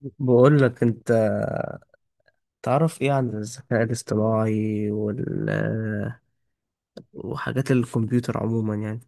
بقول لك انت، تعرف ايه عن الذكاء الاصطناعي وحاجات الكمبيوتر عموما يعني؟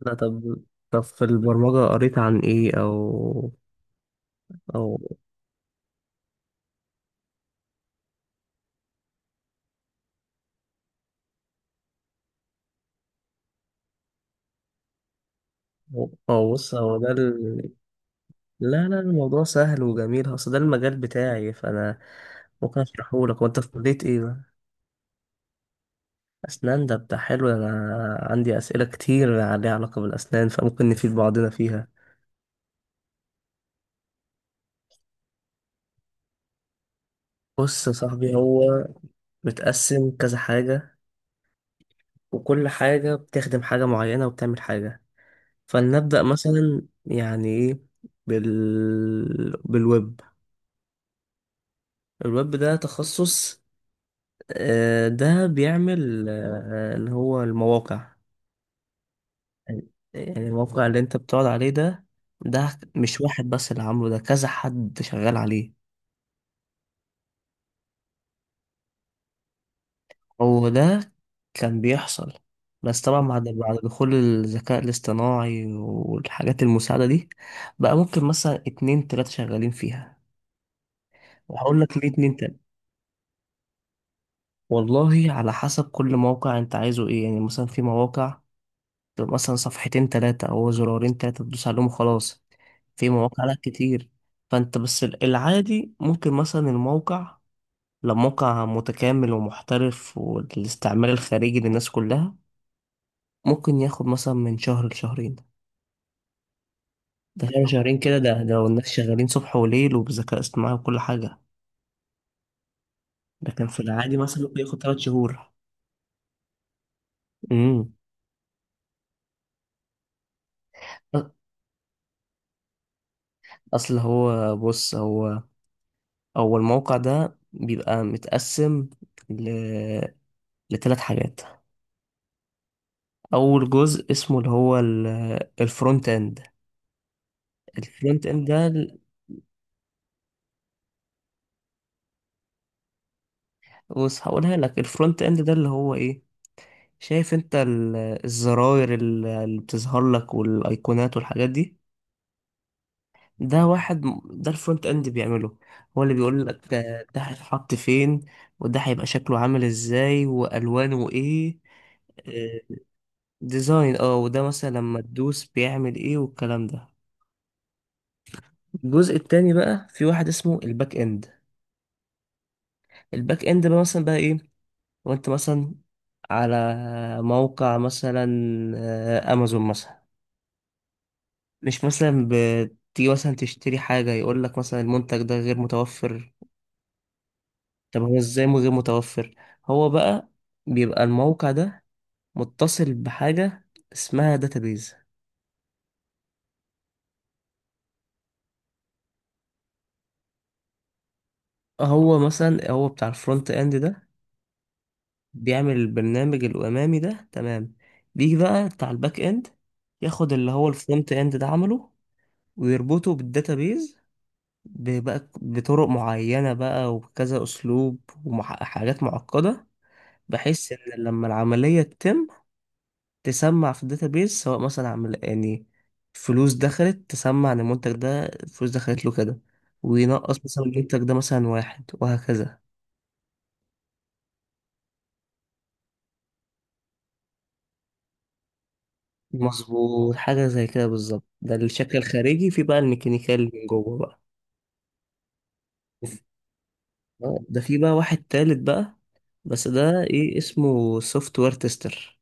لا طب، طب في البرمجة قريت عن ايه؟ او او بص، هو ده ال... لا لا، الموضوع سهل وجميل، اصل ده المجال بتاعي، فانا ممكن اشرحه لك. وانت في كلية ايه بقى؟ اسنان؟ ده بتاع حلو، انا عندي اسئلة كتير ليها علاقة بالاسنان، فممكن نفيد بعضنا فيها. بص يا صاحبي، هو متقسم كذا حاجة، وكل حاجة بتخدم حاجة معينة وبتعمل حاجة. فلنبدأ مثلا، يعني ايه بال... بالويب؟ الويب ده تخصص، ده بيعمل اللي هو المواقع. يعني الموقع اللي انت بتقعد عليه ده، ده مش واحد بس اللي عامله، ده كذا حد شغال عليه. هو ده، كان بيحصل، بس طبعا بعد دخول الذكاء الاصطناعي والحاجات المساعدة دي، بقى ممكن مثلا اتنين تلاتة شغالين فيها. هقول لك ليه اتنين تاني. والله على حسب كل موقع، انت عايزه ايه؟ يعني مثلا في مواقع تبقى مثلا صفحتين تلاتة او زرارين تلاتة تدوس عليهم وخلاص. في مواقع لك كتير، فانت بس ال- العادي ممكن مثلا الموقع، لو موقع متكامل ومحترف والاستعمال الخارجي للناس كلها، ممكن ياخد مثلا من شهر لشهرين. ده كام؟ شهرين كده؟ ده لو الناس شغالين صبح وليل وبذكاء اصطناعي وكل حاجة. لكن في العادي مثلا ممكن ياخد تلات شهور. امم. اصل هو بص، هو الموقع ده بيبقى متقسم ل... لثلاث حاجات. اول جزء اسمه اللي هو ال... الفرونت اند. الفرونت اند بص هقولها لك، الفرونت اند ده اللي هو ايه؟ شايف انت ال... الزراير اللي بتظهر لك والايقونات والحاجات دي؟ ده واحد ده الفرونت اند بيعمله. هو اللي بيقول لك ده هيتحط فين، وده هيبقى شكله عامل ازاي والوانه ايه. آه، ديزاين اه، وده مثلا لما تدوس بيعمل ايه والكلام ده. الجزء التاني بقى في واحد اسمه الباك اند. الباك اند بقى مثلا بقى ايه؟ وانت مثلا على موقع مثلا امازون مثلا، مش مثلا بتيجي مثلا تشتري حاجة، يقول لك مثلا المنتج ده غير متوفر. طب هو ازاي مو غير متوفر؟ هو بقى بيبقى الموقع ده متصل بحاجة اسمها داتابيز. هو مثلا، هو بتاع الفرونت اند ده بيعمل البرنامج الامامي ده، تمام؟ بيجي بقى بتاع الباك اند، ياخد اللي هو الفرونت اند ده عمله ويربطه بالداتابيز، بقى بطرق معينة بقى وكذا اسلوب وحاجات معقدة، بحيث ان لما العملية تتم، تسمع في الداتابيز، سواء مثلا عمل يعني فلوس دخلت، تسمع ان المنتج ده فلوس دخلت له كده، وينقص مثلا المنتج ده مثلا واحد، وهكذا. مظبوط، حاجة زي كده بالظبط، ده الشكل الخارجي. في بقى الميكانيكال من جوه بقى. ده في بقى واحد تالت بقى، بس ده ايه اسمه؟ سوفت وير تيستر.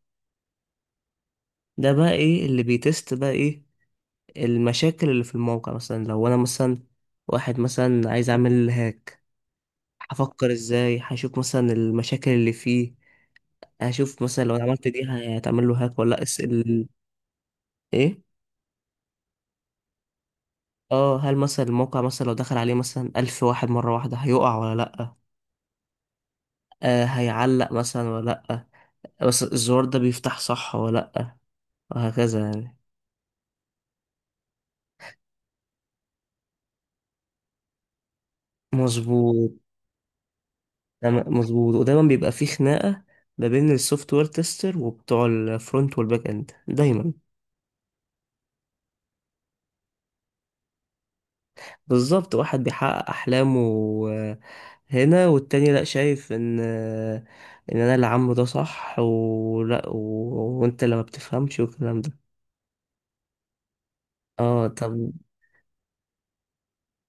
ده بقى ايه اللي بيتست بقى؟ ايه المشاكل اللي في الموقع، مثلا لو انا مثلا واحد مثلا عايز اعمل هاك، هفكر ازاي، هشوف مثلا المشاكل اللي فيه، هشوف مثلا لو انا عملت دي هتعمل له هاك ولا لأ. اس ال ايه؟ اه، هل مثلا الموقع مثلا لو دخل عليه مثلا ألف واحد مرة واحدة هيقع ولا لأ، آه هيعلق مثلا ولا لأ، بس الزرار ده بيفتح صح ولا لأ، وهكذا يعني. مظبوط، تمام، مظبوط. ودايما بيبقى فيه خناقة ما بين السوفت وير تيستر وبتوع الفرونت والباك اند دايما. بالظبط، واحد بيحقق أحلامه آه، هنا، والتاني لأ، شايف إن إن أنا اللي عامله ده صح ولأ، وأنت اللي ما بتفهمش والكلام ده. اه طب،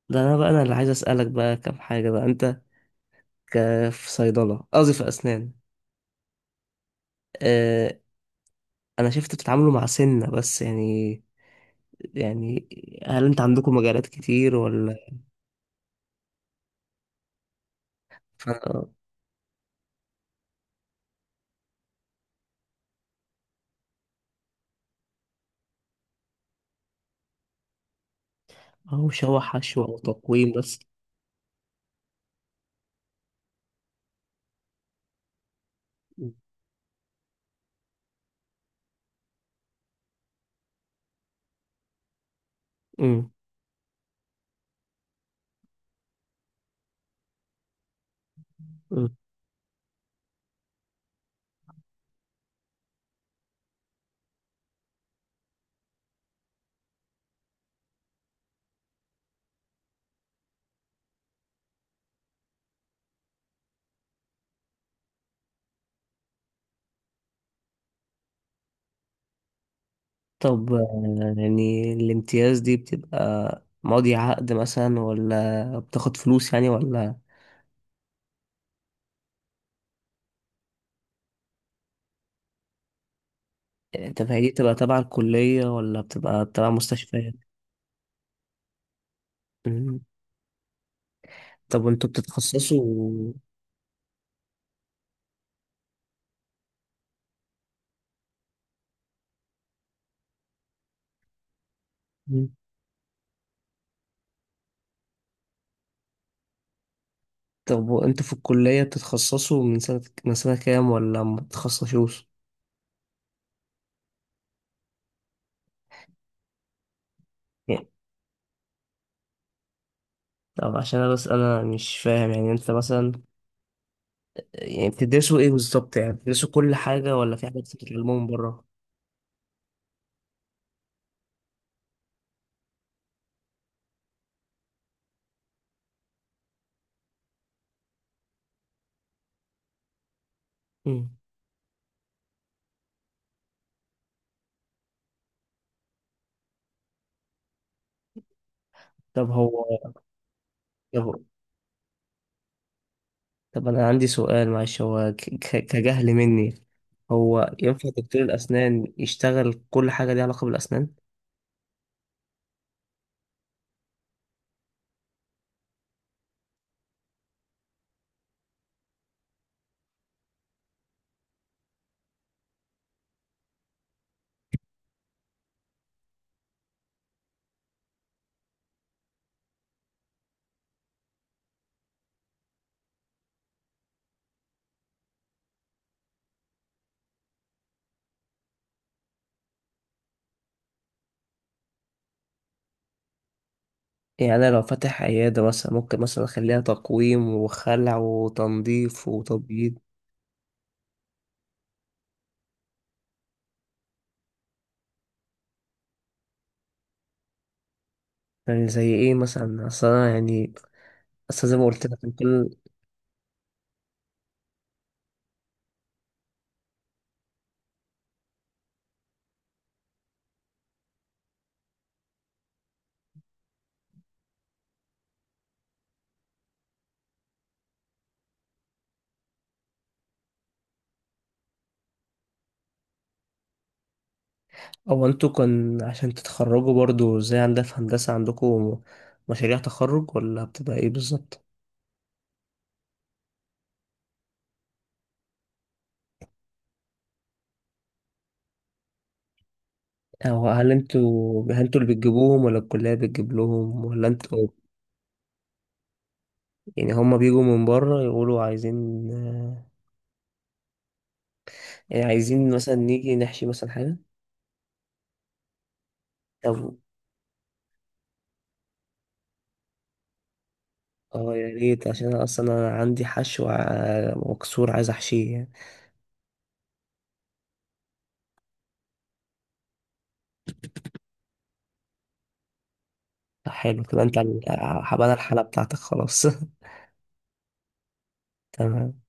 ده أنا بقى أنا اللي عايز أسألك بقى كام حاجة بقى. أنت في صيدلة، قصدي في أسنان. آه، انا شفت بتتعاملوا مع سنة بس يعني، يعني هل انت عندكم مجالات كتير ولا ف- او شوح حشو او تقويم بس؟ امم. امم. طب يعني الامتياز دي بتبقى ماضي عقد مثلا ولا بتاخد فلوس يعني ولا؟ طب هي دي بتبقى تبع الكلية ولا بتبقى تبع مستشفيات؟ أمم. طب وانتوا بتتخصصوا؟ أمم. طب وانتوا في الكلية بتتخصصوا من سنة، من سنة كام؟ ولا ما بتتخصصوش؟ طب عشان انا بس انا مش فاهم، يعني انت مثلا، يعني بتدرسوا ايه بالظبط؟ يعني بتدرسوا كل حاجة ولا في حاجات بتتعلموها من بره؟ مم. طب هو، طب، طب انا عندي سؤال معلش، هو ك... كجهل مني، هو ينفع دكتور الاسنان يشتغل كل حاجة ليها علاقة بالاسنان؟ يعني انا لو فاتح عيادة مثلا، ممكن مثلا اخليها تقويم وخلع وتنظيف وتبييض؟ يعني زي ايه مثلا؟ اصل انا يعني، اصل زي ما قلت لك. او انتوا كان عشان تتخرجوا برضو زي عندنا في هندسة، عندكم مشاريع تخرج ولا بتبقى ايه بالظبط؟ او هل انتوا، هل انتوا اللي بتجيبوهم ولا الكلية بتجيب لهم ولا انتوا؟ يعني هما بيجوا من بره يقولوا عايزين يعني عايزين مثلا نيجي نحشي مثلا حاجة؟ طب اه يا ريت، عشان انا اصلا انا عندي حشو وكسور عايز احشيه يعني. طب حلو كده، انت ال- هبقى انا الحالة بتاعتك خلاص. تمام.